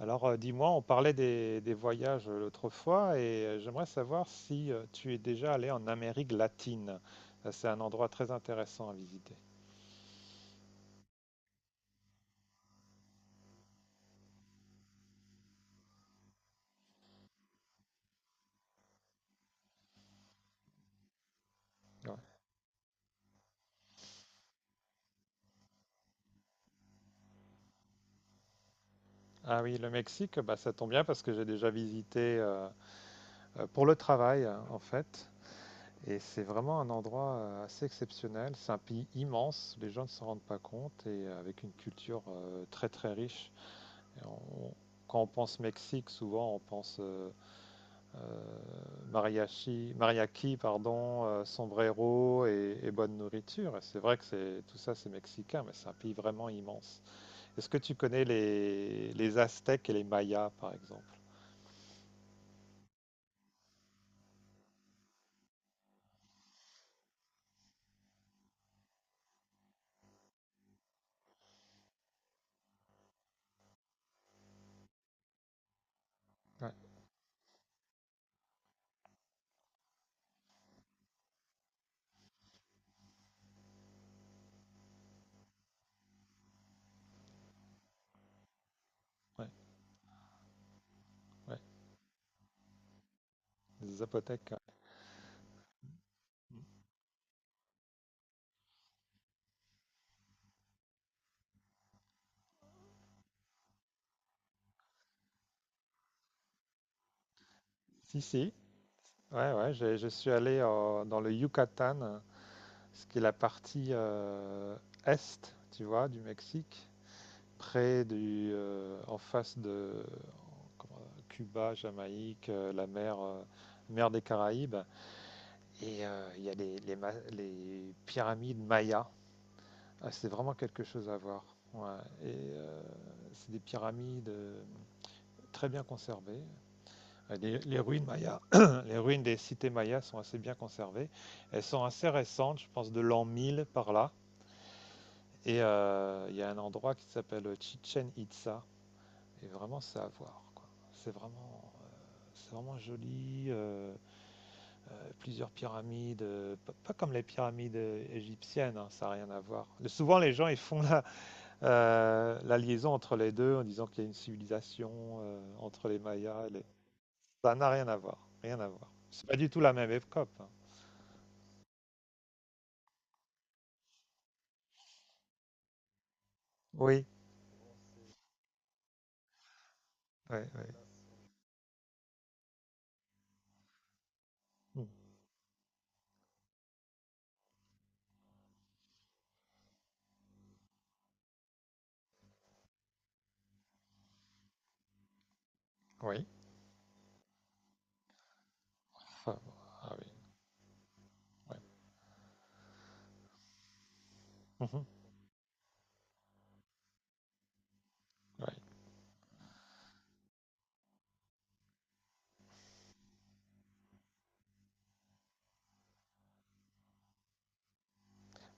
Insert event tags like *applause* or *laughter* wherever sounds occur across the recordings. Alors, dis-moi, on parlait des voyages l'autre fois et j'aimerais savoir si tu es déjà allé en Amérique latine. C'est un endroit très intéressant à visiter. Ouais. Ah oui, le Mexique, bah, ça tombe bien parce que j'ai déjà visité pour le travail, hein, en fait. Et c'est vraiment un endroit assez exceptionnel. C'est un pays immense, les gens ne s'en rendent pas compte et avec une culture très très riche. Et on- Quand on pense Mexique, souvent on pense mariachi, mariachi, pardon, sombrero et bonne nourriture. Et c'est vrai que c'est tout ça, c'est mexicain, mais c'est un pays vraiment immense. Est-ce que tu connais les Aztèques et les Mayas, par exemple? Ouais, ouais, ouais. Les Zapotèques. Ouais. Si, si. Ouais, ouais. Je suis allé dans le Yucatan, ce qui est la partie est, tu vois, du Mexique. En face de comment- Cuba, Jamaïque, mer des Caraïbes. Et il y a les pyramides mayas. Ah, c'est vraiment quelque chose à voir. Ouais. Et c'est des pyramides très bien conservées. Les ruines mayas, *coughs* *clears throat* les ruines des cités mayas sont assez bien conservées. Elles sont assez récentes, je pense de l'an 1000 par là. Et il y a un endroit qui s'appelle Chichen Itza. Et vraiment, c'est à voir, quoi. C'est vraiment joli. Plusieurs pyramides, pas comme les pyramides égyptiennes, hein, ça n'a rien à voir. Souvent, les gens ils font la liaison entre les deux en disant qu'il y a une civilisation entre les Mayas. Ça n'a rien à voir, rien à voir. C'est pas du tout la même époque, hein. Oui, oui, oui. Mm. Oui. Enfin, ah oui, ouais. Mhm. Ouais.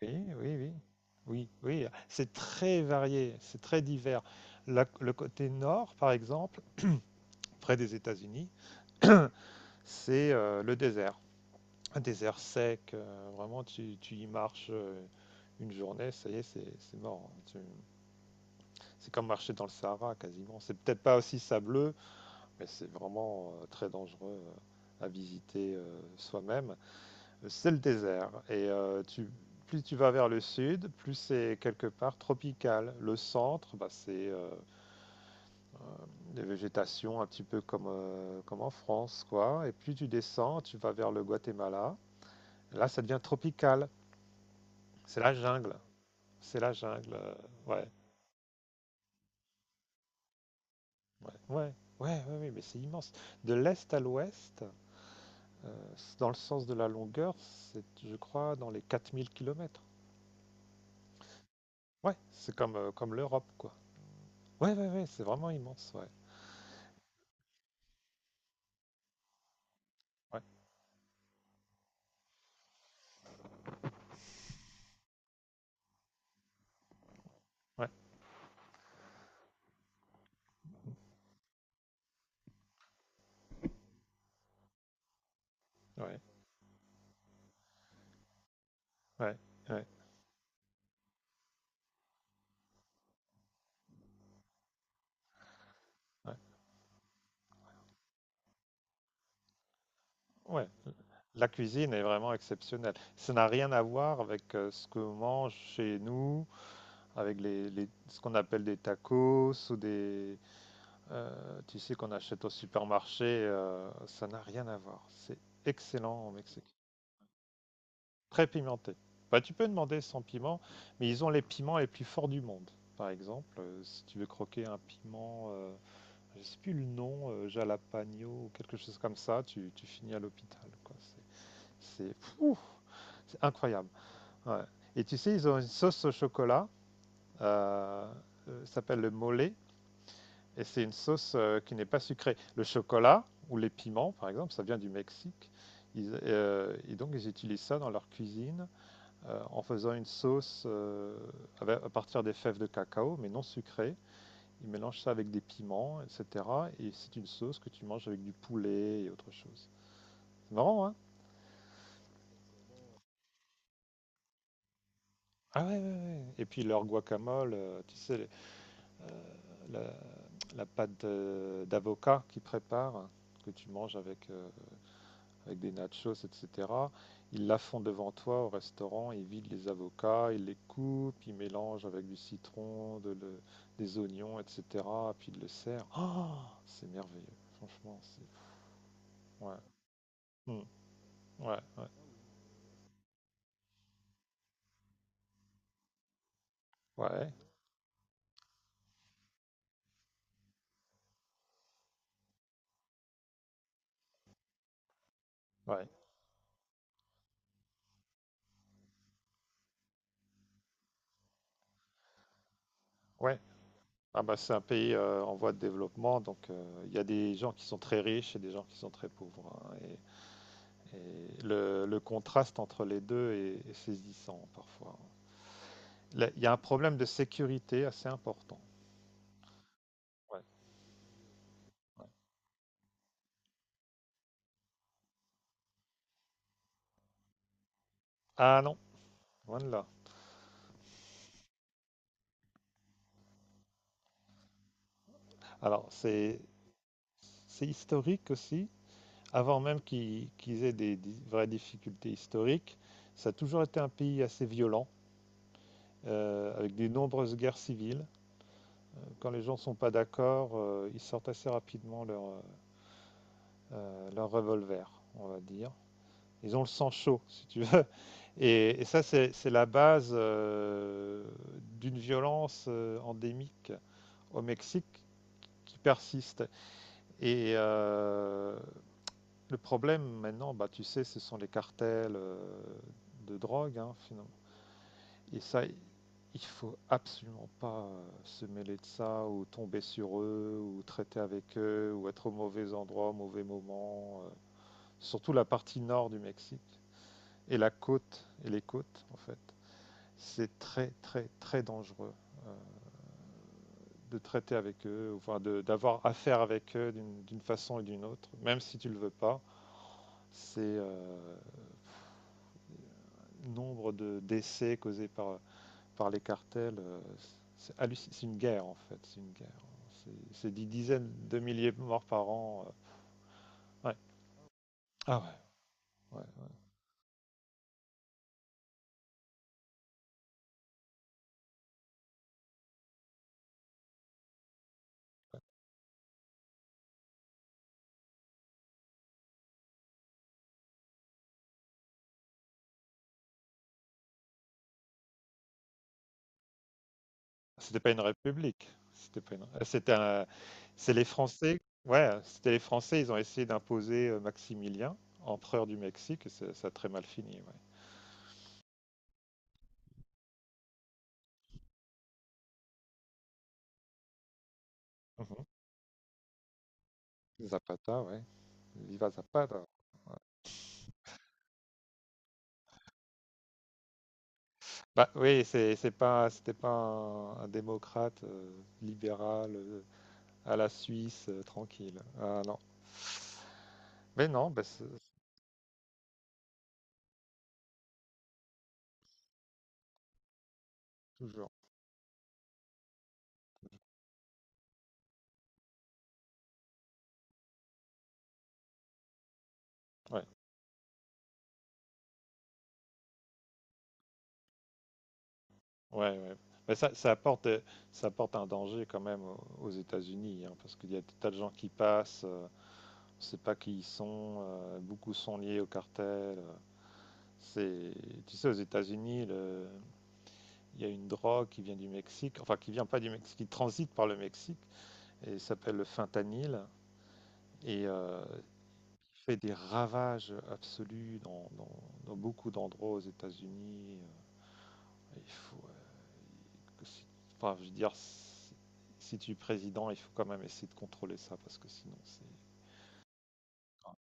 Oui, oui, oui. Oui, oui, c'est très varié, c'est très divers. Le côté nord, par exemple, près des États-Unis, c'est le désert. Un désert sec, vraiment, tu y marches une journée, ça y est, c'est mort, hein. C'est comme marcher dans le Sahara, quasiment. C'est peut-être pas aussi sableux, mais c'est vraiment très dangereux à visiter soi-même. C'est le désert. Et plus tu vas vers le sud, plus c'est quelque part tropical. Le centre, bah, c'est des végétations un petit peu comme en France, quoi. Et plus tu descends, tu vas vers le Guatemala. Là, ça devient tropical. C'est la jungle. C'est la jungle. Ouais, ouais, ouais, ouais, ouais, ouais, mais c'est immense. De l'est à l'ouest, c'est dans le sens de la longueur, c'est, je crois, dans les 4000 kilomètres. Ouais, c'est comme l'Europe, quoi. Ouais, ouais, ouais, c'est vraiment immense, ouais. Ouais. Ouais, ouais, ouais, ouais, ouais, ouais. La cuisine est vraiment exceptionnelle. Ça n'a rien à voir avec ce qu'on mange chez nous, avec ce qu'on appelle des tacos ou tu sais, qu'on achète au supermarché. Ça n'a rien à voir. C'est excellent au Mexique. Très pimenté. Bah, tu peux demander sans piment, mais ils ont les piments les plus forts du monde. Par exemple, si tu veux croquer un piment, je sais plus le nom, Jalapagno ou quelque chose comme ça, tu finis à l'hôpital, quoi. C'est incroyable. Ouais. Et tu sais, ils ont une sauce au chocolat, euh, ça s'appelle le mole, et c'est une sauce qui n'est pas sucrée. Le chocolat ou les piments, par exemple, ça vient du Mexique. Et donc, ils utilisent ça dans leur cuisine en faisant une sauce à partir des fèves de cacao, mais non sucrée. Il mélange ça avec des piments, etc. Et c'est une sauce que tu manges avec du poulet et autre chose. C'est marrant, hein? Ah ouais, ouais, ouais. Et puis leur guacamole, tu sais, euh, la, la pâte d'avocat qu'ils préparent, que tu manges avec des nachos, etc. Ils la font devant toi au restaurant, ils vident les avocats, ils les coupent, ils mélangent avec du citron, des oignons, etc. Puis ils le servent. Ah, c'est merveilleux, franchement. Ouais. Mm. Ouais, ouais, ouais, ouais, ouais. Ah bah c'est un pays en voie de développement, donc il y a des gens qui sont très riches et des gens qui sont très pauvres, hein, et le contraste entre les deux est saisissant parfois. Là, il y a un problème de sécurité assez important. Ouais, ouais. Ah non, loin de là. Alors, c'est historique aussi. Avant même qu'ils aient des vraies difficultés historiques, ça a toujours été un pays assez violent, avec de nombreuses guerres civiles. Quand les gens ne sont pas d'accord, ils sortent assez rapidement leur revolver, on va dire. Ils ont le sang chaud, si tu veux. *laughs* Et ça, c'est la base d'une violence endémique au Mexique qui persiste. Et le problème maintenant, bah, tu sais, ce sont les cartels de drogue, hein. Et ça, il faut absolument pas se mêler de ça ou tomber sur eux ou traiter avec eux ou être au mauvais endroit, au mauvais moment. Surtout la partie nord du Mexique et la côte et les côtes en fait. C'est très très très dangereux euh, de traiter avec eux, enfin d'avoir affaire avec eux d'une façon ou d'une autre, même si tu le veux pas. C'est nombre de décès causés par les cartels, une guerre en fait, c'est une guerre. C'est- des dizaines de milliers de morts par an. Ouais. Ah ouais, ouais, ouais. C'était pas une république. C'était pas une. C'est les Français. Ouais, c'était les Français. Ils ont essayé d'imposer Maximilien, empereur du Mexique. Et ça a très mal fini, ouais. Mhm. Zapata, ouais. Viva Zapata. Ouais. Bah oui, c'est pas, c'était pas un démocrate libéral à la Suisse tranquille. Ah non. Mais non, bah, c'est toujours. Ouais, ouais, ouais. Mais ça, ça apporte un danger quand même aux États-Unis, hein, parce qu'il y a des tas de gens qui passent, on ne sait pas qui ils sont, beaucoup sont liés au cartel. C'est, tu sais, aux États-Unis, il y a une drogue qui vient du Mexique, enfin qui vient pas du Mexique, qui transite par le Mexique, et s'appelle le fentanyl, et il fait des ravages absolus dans beaucoup d'endroits aux États-Unis. Il faut, que si- Enfin, je veux dire, si tu es président, il faut quand même essayer de contrôler ça parce que sinon c'est. Ah,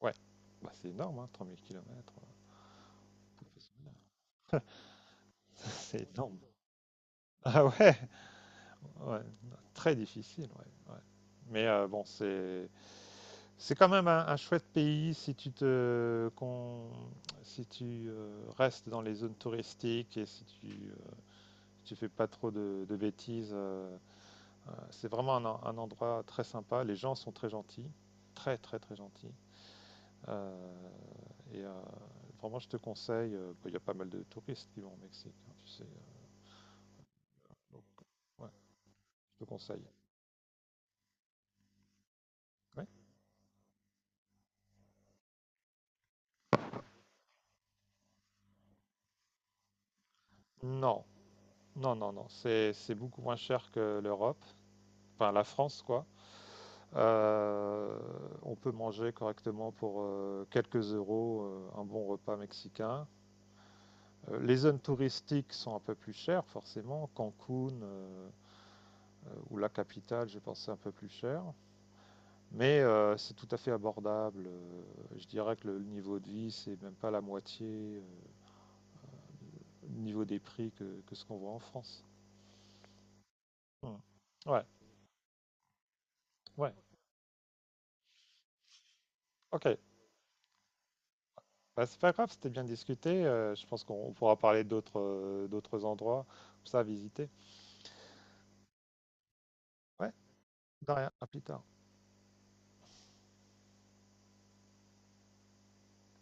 ouais, bah, c'est énorme, hein, 3000 kilomètres *laughs* C'est énorme. Ah ouais, ouais, très difficile, ouais, ouais. Mais bon, c'est quand même un chouette pays si tu restes dans les zones touristiques et si tu fais pas trop de bêtises, c'est vraiment un endroit très sympa. Les gens sont très gentils, très très très gentils. Euh, et vraiment, je te conseille. Bah, il y a pas mal de touristes qui vont au Mexique, hein, tu sais. Donc, ouais, je te conseille. Ouais. Non, non, non, non. C'est beaucoup moins cher que l'Europe, enfin la France, quoi. Euh, on peut manger correctement pour quelques euros un bon repas mexicain. Les zones touristiques sont un peu plus chères, forcément. Cancun, ou la capitale, j'ai pensé un peu plus cher. Mais c'est tout à fait abordable. Je dirais que le niveau de vie, c'est même pas la moitié euh, au niveau des prix que ce qu'on voit en France. Hmm. Ouais, ouais, ok. Bah, c'est pas grave, c'était bien discuté. Je pense qu'on on pourra parler d'autres d'autres endroits, comme ça, à visiter. Ouais, de rien, à plus tard.